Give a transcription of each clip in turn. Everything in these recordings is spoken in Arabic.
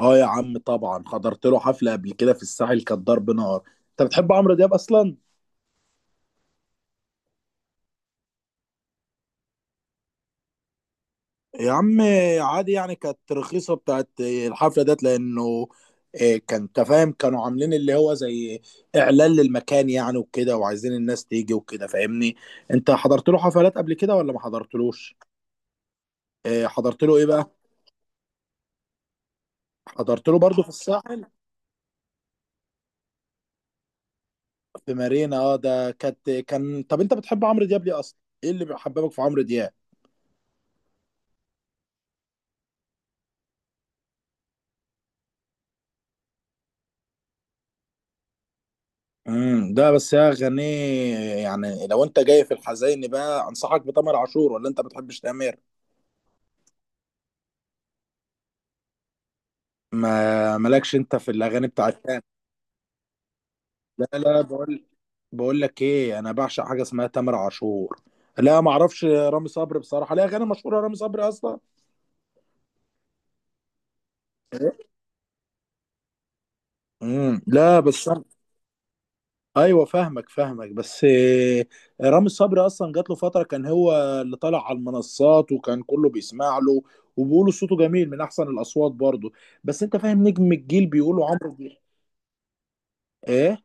اه يا عم، طبعا حضرت له حفلة قبل كده في الساحل، كانت ضرب نار. انت بتحب عمرو دياب اصلا؟ يا عم، عادي يعني، كانت رخيصة بتاعت الحفلة ديت لانه كان تفاهم، كانوا عاملين اللي هو زي اعلان للمكان يعني، وكده، وعايزين الناس تيجي وكده، فاهمني؟ انت حضرت له حفلات قبل كده ولا ما حضرتلوش؟ حضرت له ايه بقى؟ حضرت له برضه في الساحل، في مارينا. اه، ده كانت كان طب انت بتحب عمرو دياب ليه اصلا؟ ايه اللي بيحببك في عمرو دياب؟ ده بس يا غني. يعني لو انت جاي في الحزين بقى، انصحك بتامر عاشور. ولا انت بتحبش تامر؟ ما مالكش انت في الاغاني بتاعت تامر؟ لا لا، بقول لك ايه؟ انا بعشق حاجه اسمها تامر عاشور. لا، ما اعرفش رامي صبري بصراحه. لا، اغاني مشهوره رامي صبري اصلا؟ لا بس. ايوه فاهمك فاهمك، بس رامي صبري اصلا جات له فتره كان هو اللي طالع على المنصات، وكان كله بيسمع له، وبيقولوا صوته جميل من احسن الاصوات برضه. بس انت فاهم نجم الجيل بيقولوا عمرو دياب. ايه؟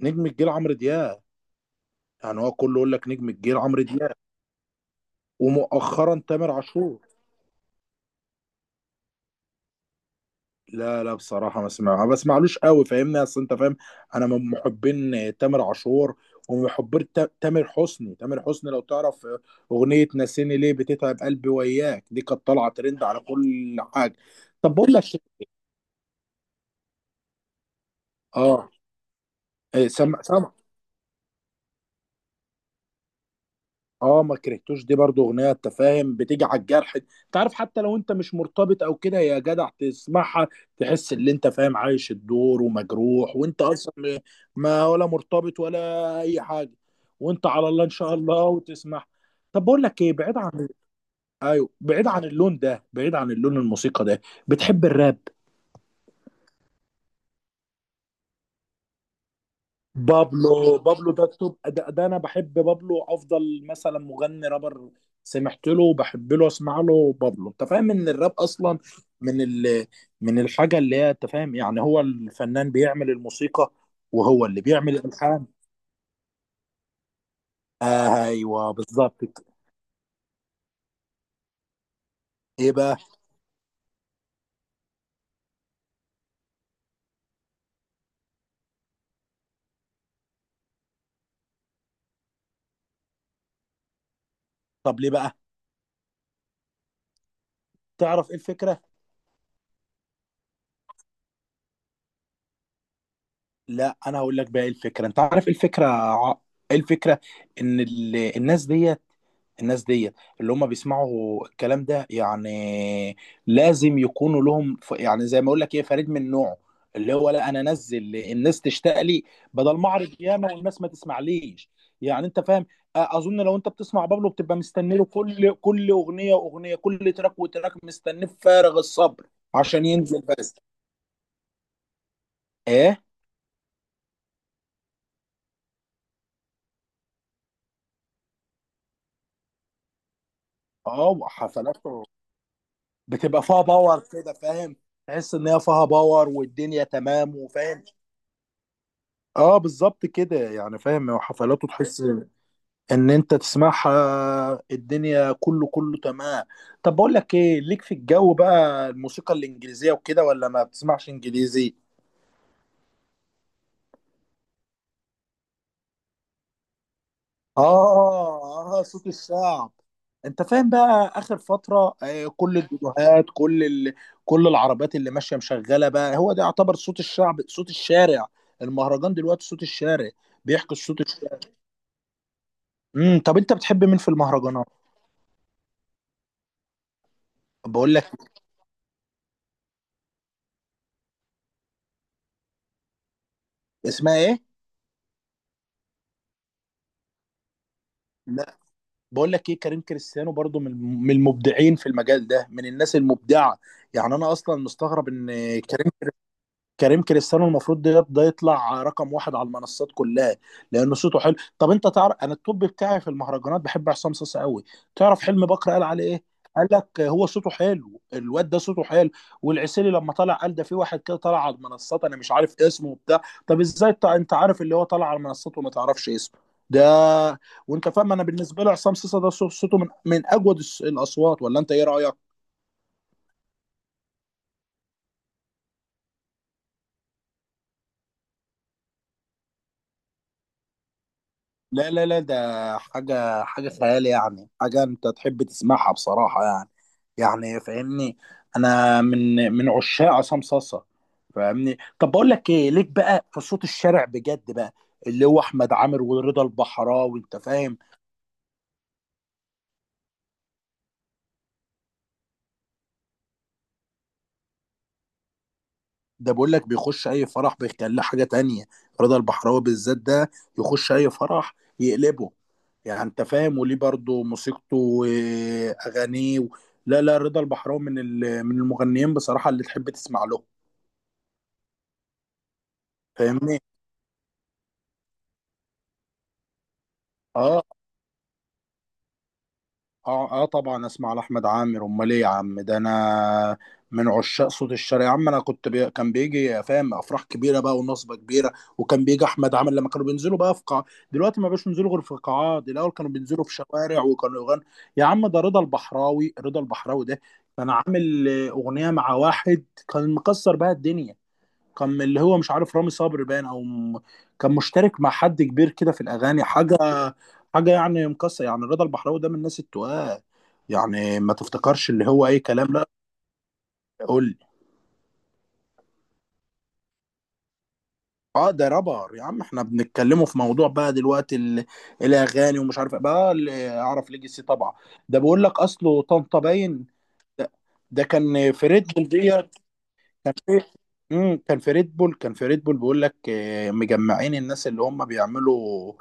نجم الجيل عمرو دياب. يعني هو كله يقول لك نجم الجيل عمرو دياب. ومؤخرا تامر عاشور. لا لا بصراحة، ما بسمعلوش قوي، فاهمني؟ اصل انت فاهم، انا من محبين تامر عاشور ومن محبين تامر حسني. تامر حسني، لو تعرف اغنية ناسيني ليه بتتعب قلبي وياك، دي كانت طالعة ترند على كل حاجة. طب بقول لك إيه؟ اه. إيه، سامع سامع. اه، ما كرهتوش دي برضو اغنيه. انت فاهم، بتيجي على الجرح. انت عارف، حتى لو انت مش مرتبط او كده يا جدع، تسمعها تحس ان انت فاهم، عايش الدور ومجروح وانت اصلا ما ولا مرتبط ولا اي حاجه. وانت على الله ان شاء الله وتسمع. طب بقول لك ايه، بعيد عن... ايوه، بعيد عن اللون ده، بعيد عن اللون الموسيقى ده، بتحب الراب؟ بابلو، بابلو ده التوب، ده انا بحب بابلو افضل مثلا مغني رابر. سمعت له وبحب له، اسمع له بابلو. انت فاهم ان الراب اصلا من ال من الحاجه اللي هي، انت فاهم يعني، هو الفنان بيعمل الموسيقى وهو اللي بيعمل الالحان. آه ايوه، بالظبط. ايه بقى؟ طب ليه بقى؟ تعرف ايه الفكره؟ لا، انا هقول لك بقى ايه الفكره. انت عارف إيه الفكره؟ ايه الفكره؟ ان الناس ديت، الناس ديت اللي هم بيسمعوا الكلام ده يعني، لازم يكونوا لهم يعني زي ما اقول لك ايه، فريد من نوعه. اللي هو، لا انا انزل، الناس تشتاق لي، بدل ما اعرض ياما والناس ما تسمعليش. يعني انت فاهم؟ اظن لو انت بتسمع بابلو بتبقى مستني له كل اغنيه واغنيه، كل تراك وتراك، مستنيه بفارغ الصبر عشان ينزل بس. ايه؟ اه، حفلات بتبقى فيها باور كده، فاهم؟ تحس ان هي فيها باور، والدنيا تمام، وفاهم. اه بالظبط كده، يعني فاهم؟ وحفلاته تحس ان انت تسمعها، الدنيا كله كله تمام. طب بقول لك ايه، ليك في الجو بقى الموسيقى الانجليزيه وكده؟ ولا ما بتسمعش انجليزي؟ اه اه، صوت الشعب. انت فاهم بقى اخر فتره، كل الفيديوهات، كل العربيات اللي ماشيه مشغله بقى، هو ده يعتبر صوت الشعب، صوت الشارع. المهرجان دلوقتي صوت الشارع، بيحكي صوت الشارع. طب انت بتحب مين في المهرجانات؟ بقول لك، اسمها ايه؟ لا، بقول لك ايه، كريم كريستيانو برضو من المبدعين في المجال ده، من الناس المبدعه. يعني انا اصلا مستغرب ان كريم كريم كريستيانو المفروض ده يطلع رقم واحد على المنصات كلها لان صوته حلو. طب انت تعرف، انا التوب بتاعي في المهرجانات بحب عصام صاصا قوي. تعرف حلمي بكر قال عليه ايه؟ قال لك هو صوته حلو، الواد ده صوته حلو. والعسيلي لما طلع قال ده في واحد كده طلع على المنصات، انا مش عارف اسمه وبتاع. طب ازاي انت عارف اللي هو طلع على المنصات وما تعرفش اسمه ده؟ وانت فاهم، انا بالنسبه لي عصام صاصا ده صوته من اجود الاصوات. ولا انت ايه رايك؟ لا لا لا، ده حاجة حاجة خيال، يعني حاجة أنت تحب تسمعها بصراحة يعني. يعني فاهمني؟ أنا من عشاق عصام صاصة. فاهمني؟ طب بقول لك إيه، ليك بقى في صوت الشارع بجد بقى، اللي هو أحمد عامر ورضا البحراوي، أنت فاهم؟ ده بقول لك بيخش اي فرح بيخليه حاجه تانية. رضا البحراوي بالذات ده، يخش اي فرح يقلبه. يعني انت فاهم؟ وليه برضه موسيقته واغانيه و... لا لا، رضا البحراوي من المغنيين بصراحه اللي تحب تسمع له. فاهمني؟ اه. اه اه طبعا، اسمع لاحمد عامر، امال ايه يا عم؟ ده انا من عشاق صوت الشارع يا عم. انا كنت كان بيجي، فاهم، افراح كبيره بقى ونصبه كبيره، وكان بيجي احمد عامر لما كانوا بينزلوا بقى في قاع. دلوقتي ما بقاش ينزلوا غير في قاعات، الاول كانوا بينزلوا في شوارع وكانوا يغنوا. يا عم، ده رضا البحراوي. رضا البحراوي ده كان عامل اغنيه مع واحد كان مكسر بقى الدنيا. كان من، اللي هو مش عارف، رامي صبري باين او كان مشترك مع حد كبير كده في الاغاني، حاجه حاجه يعني مكسر، يعني رضا البحراوي ده من الناس التقال، يعني ما تفتكرش اللي هو اي كلام لا. قول لي. اه، ده رابر يا عم، احنا بنتكلموا في موضوع بقى دلوقتي، الاغاني ومش عارف إيه. بقى اللي اعرف ليجاسي طبعا، ده بيقول لك اصله طنطا باين. ده, ده كان في ريد بول دي. كان في... كان في ريد بول، بيقول لك مجمعين الناس اللي هم بيعملوا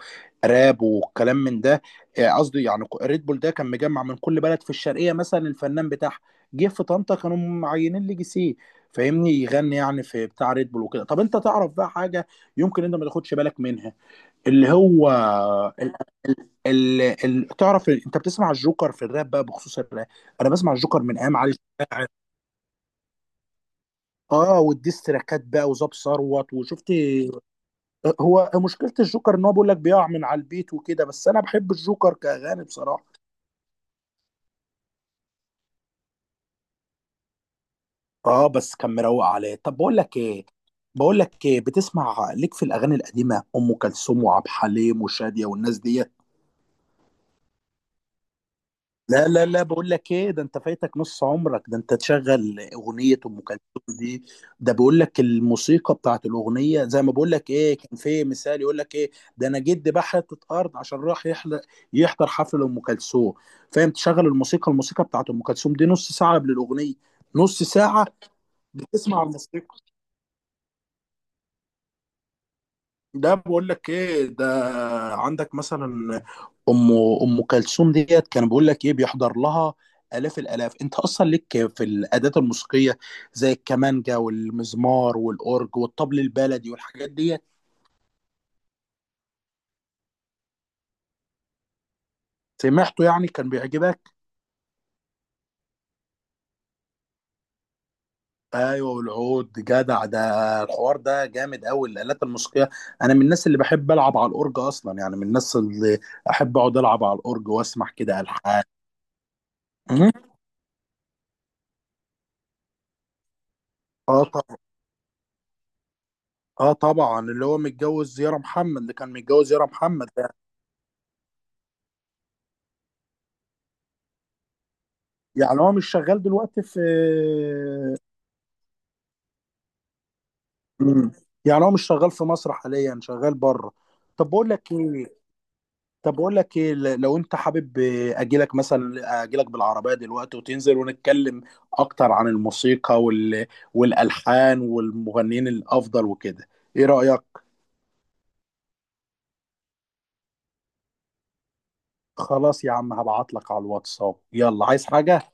راب والكلام من ده. قصدي يعني ريد بول ده كان مجمع من كل بلد في الشرقيه، مثلا الفنان بتاعها جه في طنطا. كانوا معينين لي جي سي، فاهمني؟ يغني يعني في بتاع ريد بول وكده. طب انت تعرف بقى حاجه يمكن انت ما تاخدش بالك منها، اللي هو ال... تعرف انت بتسمع الجوكر في الراب بقى؟ بخصوص الراب، انا بسمع الجوكر من ايام علي الشاعر. اه، والديستراكات بقى وزاب ثروت وشفت. هو مشكله الجوكر ان هو بيقول لك بيقع من على البيت وكده، بس انا بحب الجوكر كاغاني بصراحه. اه بس كان مروق عليه. طب بقول لك ايه، بقول لك ايه، بتسمع ليك في الاغاني القديمه، ام كلثوم وعبد الحليم وشاديه والناس دي؟ لا لا لا، بقول لك ايه، ده انت فايتك نص عمرك. ده انت تشغل اغنيه ام كلثوم دي، ده بقول لك الموسيقى بتاعت الاغنيه، زي ما بقول لك ايه، كان في مثال يقول لك ايه، ده انا جدي باع حته ارض عشان راح يحضر حفل ام كلثوم. فاهم؟ تشغل الموسيقى، الموسيقى بتاعت ام كلثوم دي نص ساعه قبل الاغنيه. نص ساعه بتسمع الموسيقى. ده بقول لك ايه، ده عندك مثلا ام ام كلثوم ديت كان بيقول لك ايه، بيحضر لها الاف الالاف. انت اصلا ليك في الادوات الموسيقيه زي الكمانجا والمزمار والاورج والطبل البلدي والحاجات ديت؟ سمعته يعني؟ كان بيعجبك؟ ايوه، والعود جدع ده. الحوار ده جامد قوي الالات الموسيقيه. انا من الناس اللي بحب العب على الاورج اصلا، يعني من الناس اللي احب اقعد العب على الاورج واسمع كده الحان. مهم. اه طبعا. اه طبعا، اللي هو متجوز يارا محمد، اللي كان متجوز يارا محمد. يعني هو مش شغال دلوقتي في... مم. يعني هو مش شغال في مصر حاليا، شغال بره. طب بقول لك ايه. طب بقول لك ايه، لو انت حابب اجي لك مثلا، اجي لك بالعربيه دلوقتي وتنزل ونتكلم اكتر عن الموسيقى والالحان والمغنيين الافضل وكده. ايه رايك؟ خلاص يا عم، هبعت لك على الواتساب. يلا، عايز حاجه؟